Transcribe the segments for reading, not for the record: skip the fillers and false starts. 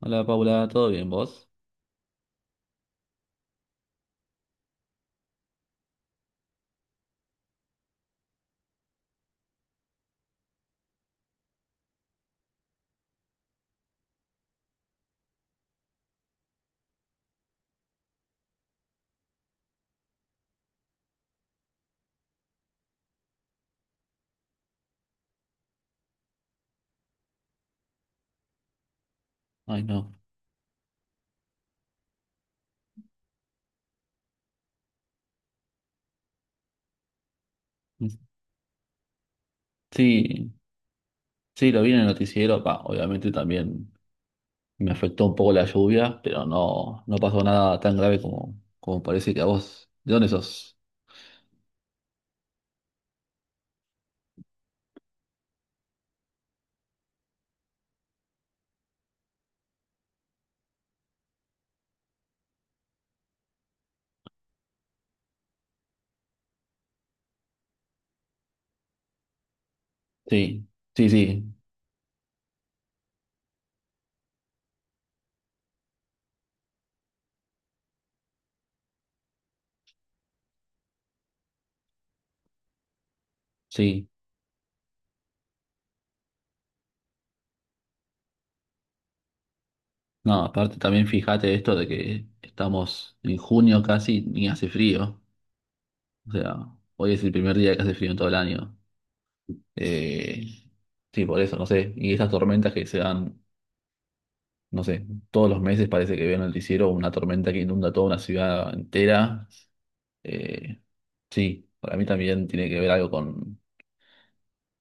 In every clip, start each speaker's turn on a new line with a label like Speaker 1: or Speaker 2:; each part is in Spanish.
Speaker 1: Hola Paula, ¿todo bien vos? Ay, no. Sí, sí, lo vi en el noticiero, pa, obviamente también me afectó un poco la lluvia, pero no, no pasó nada tan grave como, como parece que a vos. ¿De dónde sos? Sí, sí, sí, sí. No, aparte también fíjate esto de que estamos en junio casi, ni hace frío. O sea, hoy es el primer día que hace frío en todo el año. Eh, sí, por eso, no sé. Y esas tormentas que se dan. No sé, todos los meses parece que veo en el noticiero una tormenta que inunda toda una ciudad entera. Eh, sí, para mí también tiene que ver algo con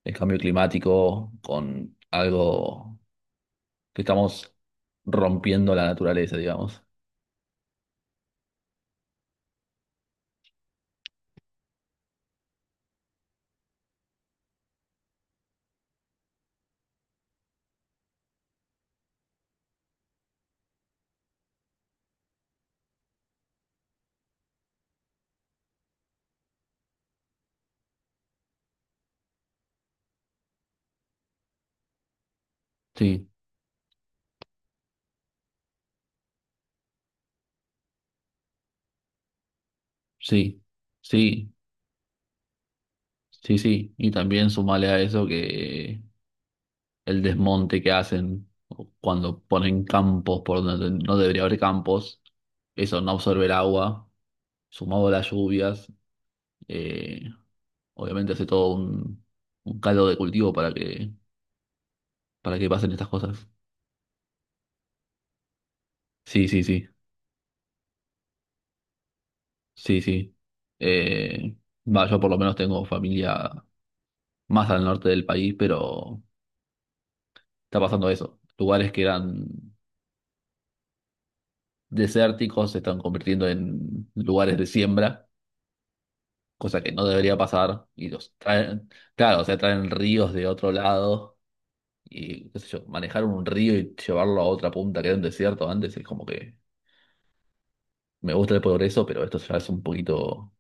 Speaker 1: el cambio climático, con algo que estamos rompiendo la naturaleza, digamos. Sí, sí, sí, sí, sí. Y también sumale a eso que el desmonte que hacen cuando ponen campos por donde no debería haber campos, eso no absorbe el agua, sumado a las lluvias. eh, Obviamente hace todo un caldo de cultivo para que pasen estas cosas. Sí, sí, sí, sí, sí. Eh, va, yo por lo menos tengo familia más al norte del país, pero está pasando eso. Lugares que eran desérticos se están convirtiendo en lugares de siembra, cosa que no debería pasar. Y los traen, claro, o sea, traen ríos de otro lado y, qué sé yo, manejar un río y llevarlo a otra punta que era un desierto antes es como que me gusta el progreso, pero esto ya es un poquito.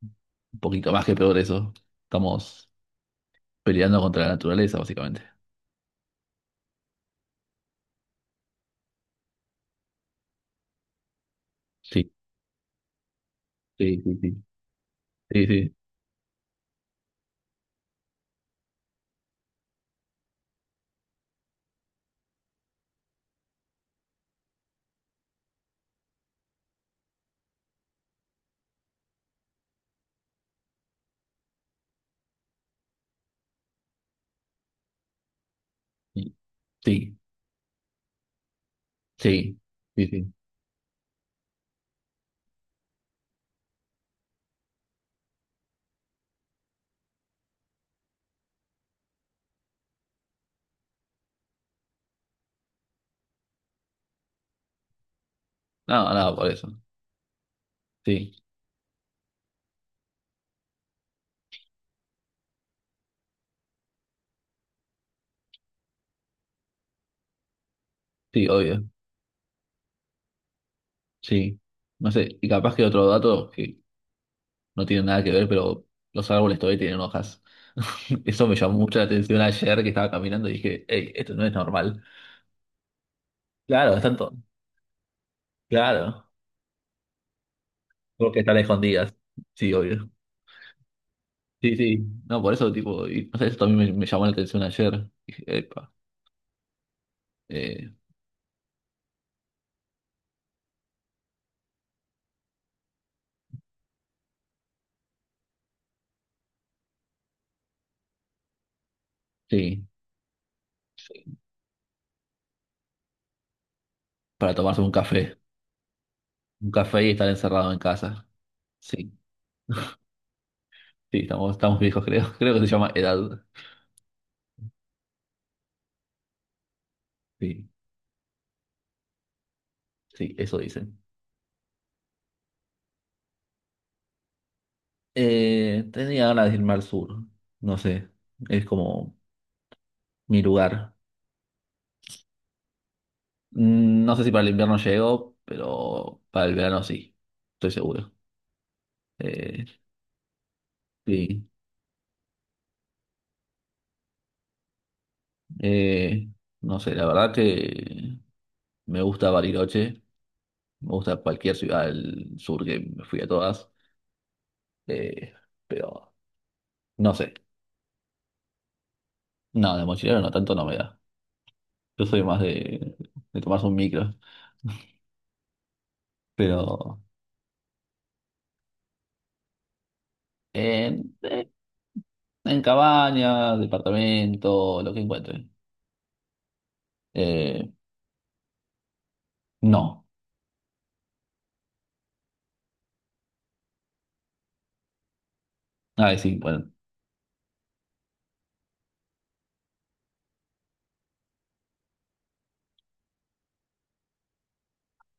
Speaker 1: Un poquito más que peor eso. Estamos peleando contra la naturaleza, básicamente. Sí, sí, sí, sí. Sí, sí. Sí, sí, sí, sí. No, no, por eso. Sí, sí, obvio. Sí. No sé, y capaz que otro dato que no tiene nada que ver, pero los árboles todavía tienen hojas. Eso me llamó mucho la atención ayer que estaba caminando y dije, hey, esto no es normal. Claro, están todos. Claro, porque están escondidas. Sí, obvio. Sí, sí. No, por eso, tipo, y, no sé, eso también me llamó la atención ayer. Dije, epa. Eh, sí, sí, para tomarse un café. Un café y estar encerrado en casa. Sí, sí, estamos, estamos viejos, creo. Creo que se llama edad. Sí, sí, eso dicen. Tenía ganas de irme al sur. No sé, es como mi lugar. Mm, no sé si para el invierno llego, pero para el verano sí, estoy seguro. Eh, sí, eh, no sé, la verdad que me gusta Bariloche, me gusta cualquier ciudad del sur que me fui a todas. Eh, pero no sé. No, de mochilero no, tanto no me da. Yo soy más de tomarse un micro. Pero en, eh, en cabaña, departamento, lo que encuentre. Eh, no. Ah, sí, bueno.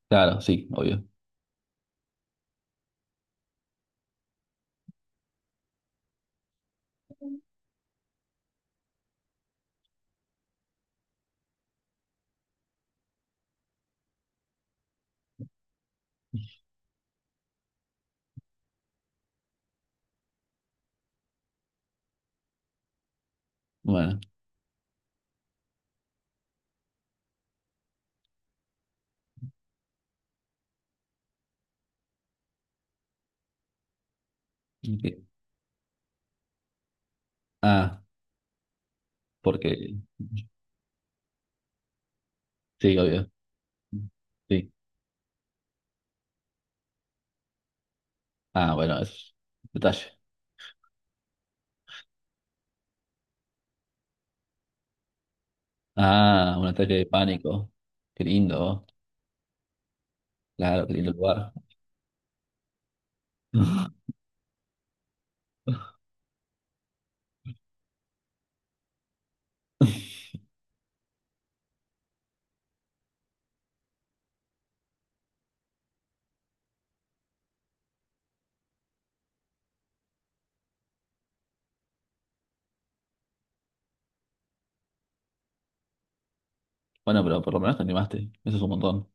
Speaker 1: Claro, sí, obvio. Bueno. Ok. Ah, porque. Sí, obvio. Sí. Ah, bueno, es un detalle. Ah, un ataque de pánico. Qué lindo. Claro, qué lindo lugar. Bueno, pero por lo menos te animaste. Eso es un montón.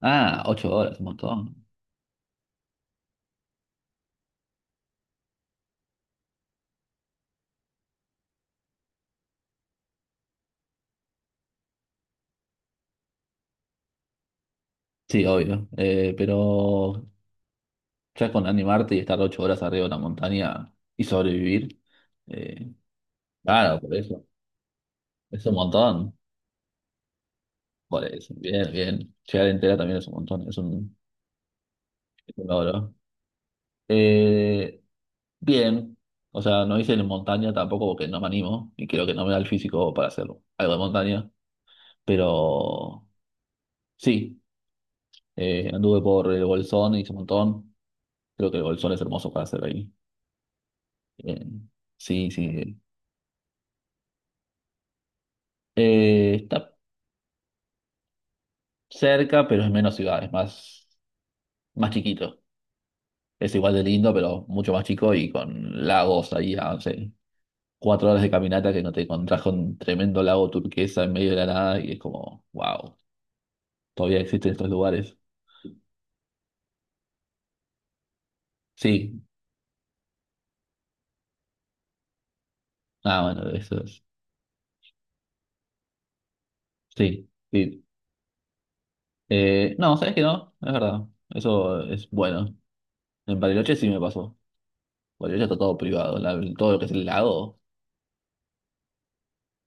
Speaker 1: Ah, 8 horas, un montón. Sí, obvio. Pero ya con animarte y estar 8 horas arriba de una montaña y sobrevivir, eh, claro, por eso. Es un montón. Por eso. Bien, bien. Llegar entera también es un montón. Es un logro. Eh, bien. O sea, no hice en montaña tampoco porque no me animo y creo que no me da el físico para hacer algo de montaña. Pero sí, anduve por el Bolsón, hice un montón. Creo que el Bolsón es hermoso para hacer ahí. Eh, sí, sí. Está cerca, pero es menos ciudad, es más, más chiquito. Es igual de lindo, pero mucho más chico y con lagos ahí a, no sé, 4 horas de caminata que no te encontrás con un tremendo lago turquesa en medio de la nada y es como, wow, todavía existen estos lugares. Sí, ah, bueno, eso es. Sí, sí. No, sabes que no, es verdad. Eso es bueno. En Bariloche sí me pasó. Bariloche está todo privado. La- todo lo que es el lago.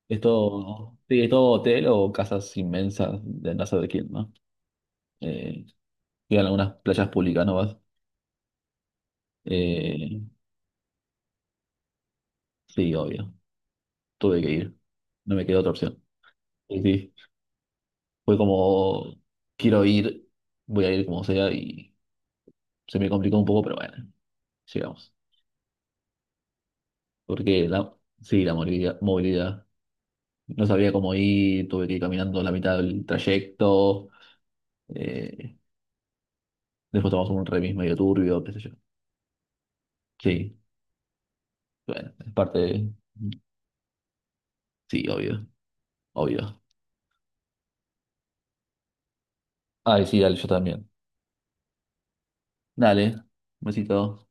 Speaker 1: Es todo, sí, es todo hotel o casas inmensas de no sé de quién, ¿no? Eh, llegan algunas playas públicas, ¿no vas? Eh, sí, obvio. Tuve que ir. No me quedó otra opción. Y sí, fue como, quiero ir, voy a ir como sea y se me complicó un poco, pero bueno, llegamos. Porque la, sí, la movilidad, movilidad. No sabía cómo ir, tuve que ir caminando la mitad del trayecto. Eh, después tomamos un remis medio turbio, qué sé yo. Sí, bueno, es parte de- Sí, obvio. Obvio. Ay, sí, dale, yo también. Dale, besito.